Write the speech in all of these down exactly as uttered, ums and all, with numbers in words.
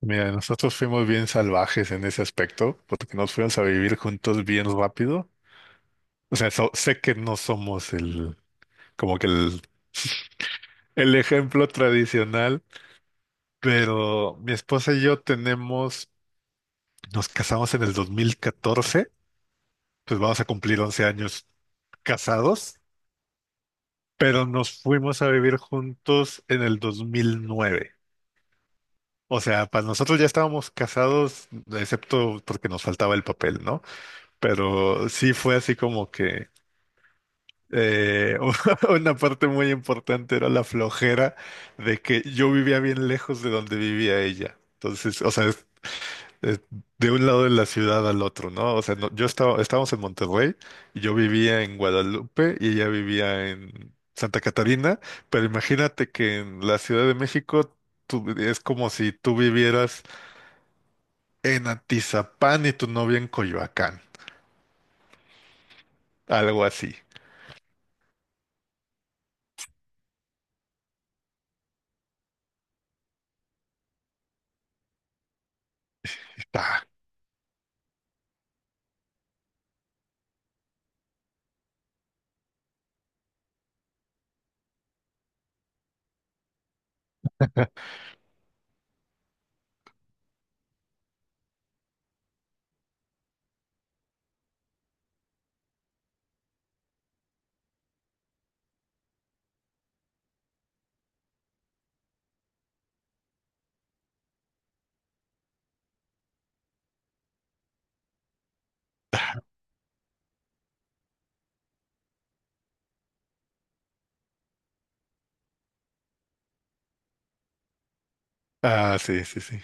Mira, nosotros fuimos bien salvajes en ese aspecto, porque nos fuimos a vivir juntos bien rápido. O sea, so- sé que no somos el, como que el, el ejemplo tradicional, pero mi esposa y yo tenemos, nos casamos en el dos mil catorce, pues vamos a cumplir once años casados, pero nos fuimos a vivir juntos en el dos mil nueve. O sea, para nosotros ya estábamos casados, excepto porque nos faltaba el papel, ¿no? Pero sí fue así como que Eh, una parte muy importante era la flojera de que yo vivía bien lejos de donde vivía ella. Entonces, o sea, es- es de un lado de la ciudad al otro, ¿no? O sea, no- yo estaba, estábamos en Monterrey y yo vivía en Guadalupe y ella vivía en Santa Catarina, pero imagínate que en la Ciudad de México tú- es como si tú vivieras en Atizapán y tu novia en Coyoacán, algo así. Ah, ah, sí, sí, sí.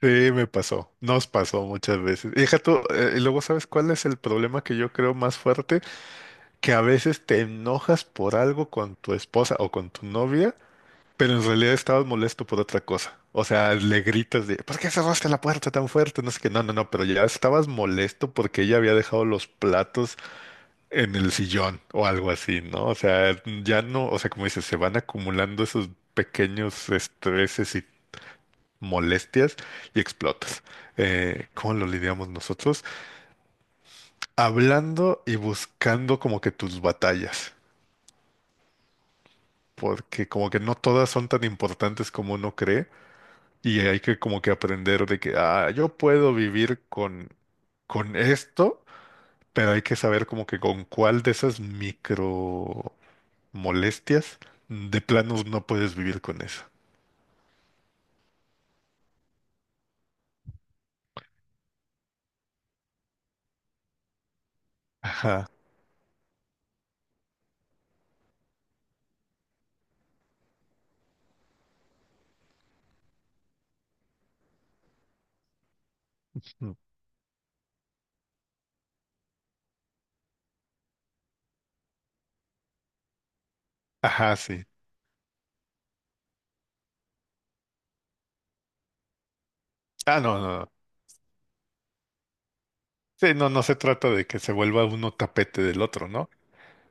Sí, me pasó, nos pasó muchas veces. Y deja tú, eh, y luego sabes cuál es el problema que yo creo más fuerte, que a veces te enojas por algo con tu esposa o con tu novia, pero en realidad estabas molesto por otra cosa. O sea, le gritas de, ¿por qué cerraste la puerta tan fuerte? No sé qué, no, no, no, pero ya estabas molesto porque ella había dejado los platos en el sillón o algo así, ¿no? O sea, ya no, o sea, como dices, se van acumulando esos pequeños estreses, molestias, y explotas. Eh, ¿cómo lo lidiamos nosotros? Hablando y buscando como que tus batallas, porque como que no todas son tan importantes como uno cree y hay que como que aprender de que, ah, yo puedo vivir con, con esto, pero hay que saber como que con cuál de esas micro molestias de planos no puedes vivir con eso. Ajá. Ajá, sí. Ah, no, no, no. Sí, no, no se trata de que se vuelva uno tapete del otro, ¿no?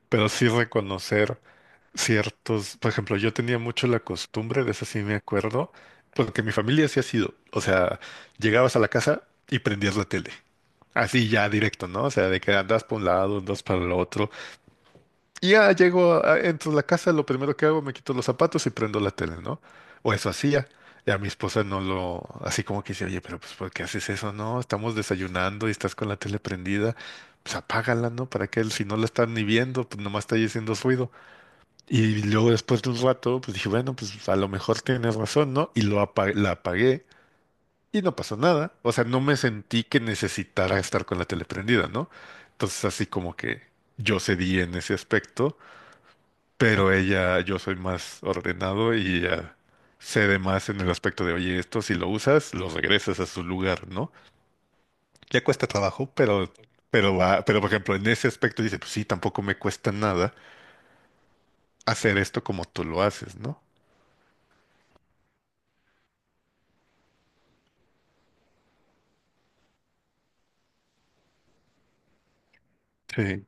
Pero sí reconocer ciertos, por ejemplo, yo tenía mucho la costumbre, de eso sí me acuerdo, porque mi familia sí ha sido, o sea, llegabas a la casa y prendías la tele, así ya directo, ¿no? O sea, de que andas por un lado, andas para el otro, y ya llego, a- entro a la casa, lo primero que hago, me quito los zapatos y prendo la tele, ¿no? O eso hacía. Ya mi esposa no lo, así como que dice, oye, pero pues, ¿por qué haces eso? No, estamos desayunando y estás con la tele prendida, pues apágala, ¿no? Para que él, si no la están ni viendo, pues nomás está ahí haciendo ruido. Y luego después de un rato, pues dije, bueno, pues a lo mejor tienes razón, ¿no? Y lo apa- la apagué y no pasó nada. O sea, no me sentí que necesitara estar con la tele prendida, ¿no? Entonces así como que yo cedí en ese aspecto, pero ella, yo soy más ordenado y ella cede más en el aspecto de, oye, esto si lo usas, lo regresas a su lugar, ¿no? Ya cuesta trabajo, pero, pero va, pero por ejemplo, en ese aspecto dice, pues sí, tampoco me cuesta nada hacer esto como tú lo haces, ¿no? Sí.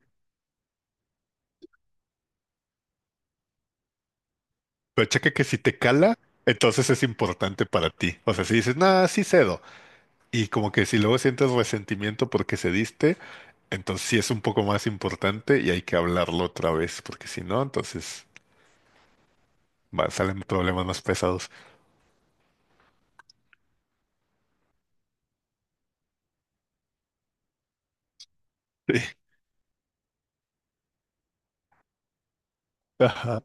Pero checa que si te cala, entonces es importante para ti. O sea, si dices, nada, sí cedo. Y como que si luego sientes resentimiento porque cediste, entonces sí es un poco más importante y hay que hablarlo otra vez, porque si no, entonces va- salen problemas más pesados. Sí. Ajá.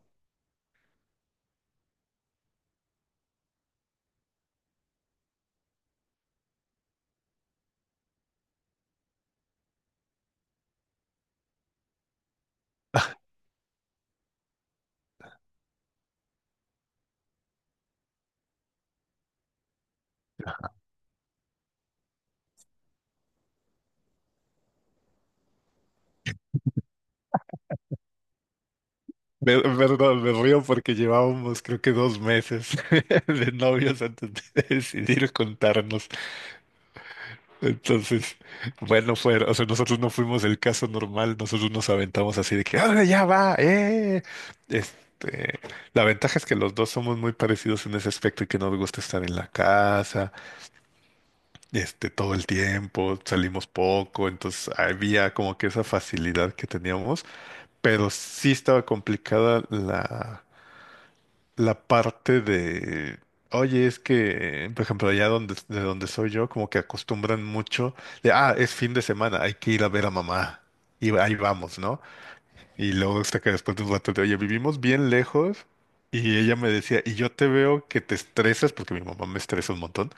Me, perdón, me río porque llevábamos creo que dos meses de novios antes de decidir contarnos. Entonces, bueno, fue, o sea, nosotros no fuimos el caso normal, nosotros nos aventamos así de que, ahora ya va, eh. Este, la ventaja es que los dos somos muy parecidos en ese aspecto y que nos gusta estar en la casa, este, todo el tiempo, salimos poco, entonces había como que esa facilidad que teníamos. Pero sí estaba complicada la, la parte de, oye, es que, por ejemplo, allá donde, de donde soy yo, como que acostumbran mucho de, ah, es fin de semana, hay que ir a ver a mamá. Y ahí vamos, ¿no? Y luego hasta que después de un rato de, oye, vivimos bien lejos. Y ella me decía, y yo te veo que te estresas, porque mi mamá me estresa un montón.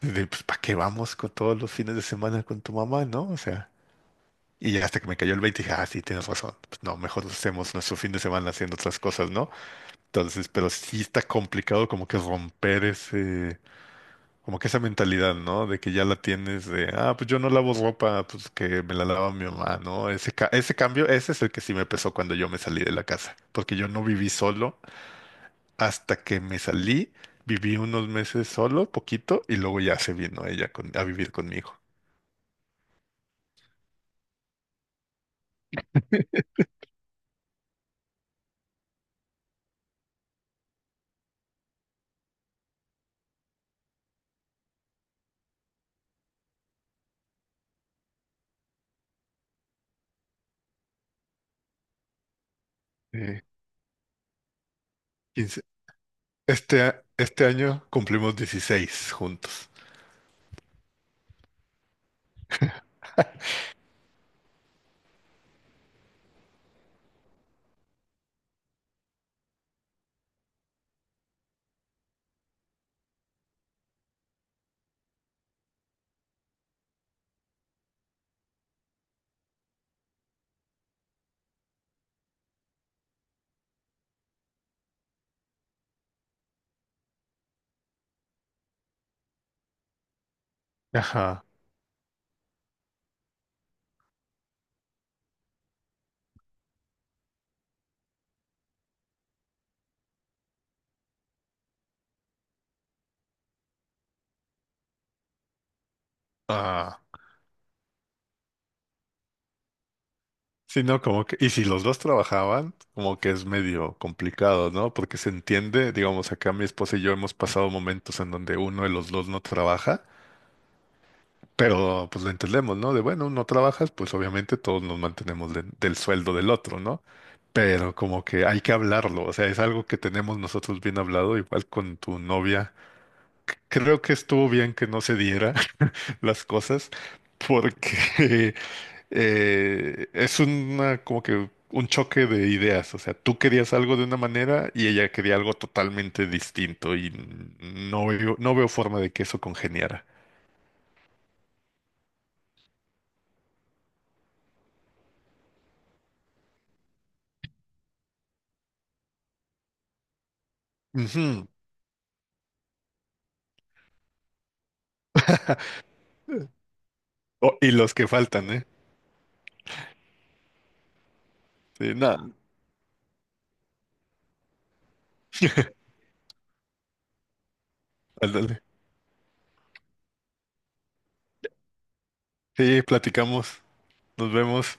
De, pues, ¿para qué vamos con todos los fines de semana con tu mamá, no? O sea. Y ya hasta que me cayó el veinte dije, ah, sí, tienes razón. Pues no, mejor hacemos nuestro fin de semana haciendo otras cosas, ¿no? Entonces, pero sí está complicado como que romper ese, como que esa mentalidad, ¿no? De que ya la tienes de, ah, pues yo no lavo ropa, pues que me la lava mi mamá, ¿no? Ese, ca- ese cambio, ese es el que sí me pesó cuando yo me salí de la casa, porque yo no viví solo hasta que me salí, viví unos meses solo, poquito, y luego ya se vino ella con- a vivir conmigo. Eh, Este, a- este año cumplimos dieciséis juntos. Ajá. Ah, sí, no, como que, y si los dos trabajaban, como que es medio complicado, ¿no? Porque se entiende, digamos, acá mi esposa y yo hemos pasado momentos en donde uno de los dos no trabaja, pero pues lo entendemos, ¿no? De bueno, no trabajas, pues obviamente todos nos mantenemos de- del sueldo del otro, ¿no? Pero como que hay que hablarlo, o sea, es algo que tenemos nosotros bien hablado, igual con tu novia. Creo que estuvo bien que no se diera, las cosas porque eh, es una como que un choque de ideas, o sea, tú querías algo de una manera y ella quería algo totalmente distinto y no veo, no veo forma de que eso congeniara. Ujú. Oh, y los que faltan, ¿eh? Sí, nada, ándale. Sí, platicamos, nos vemos.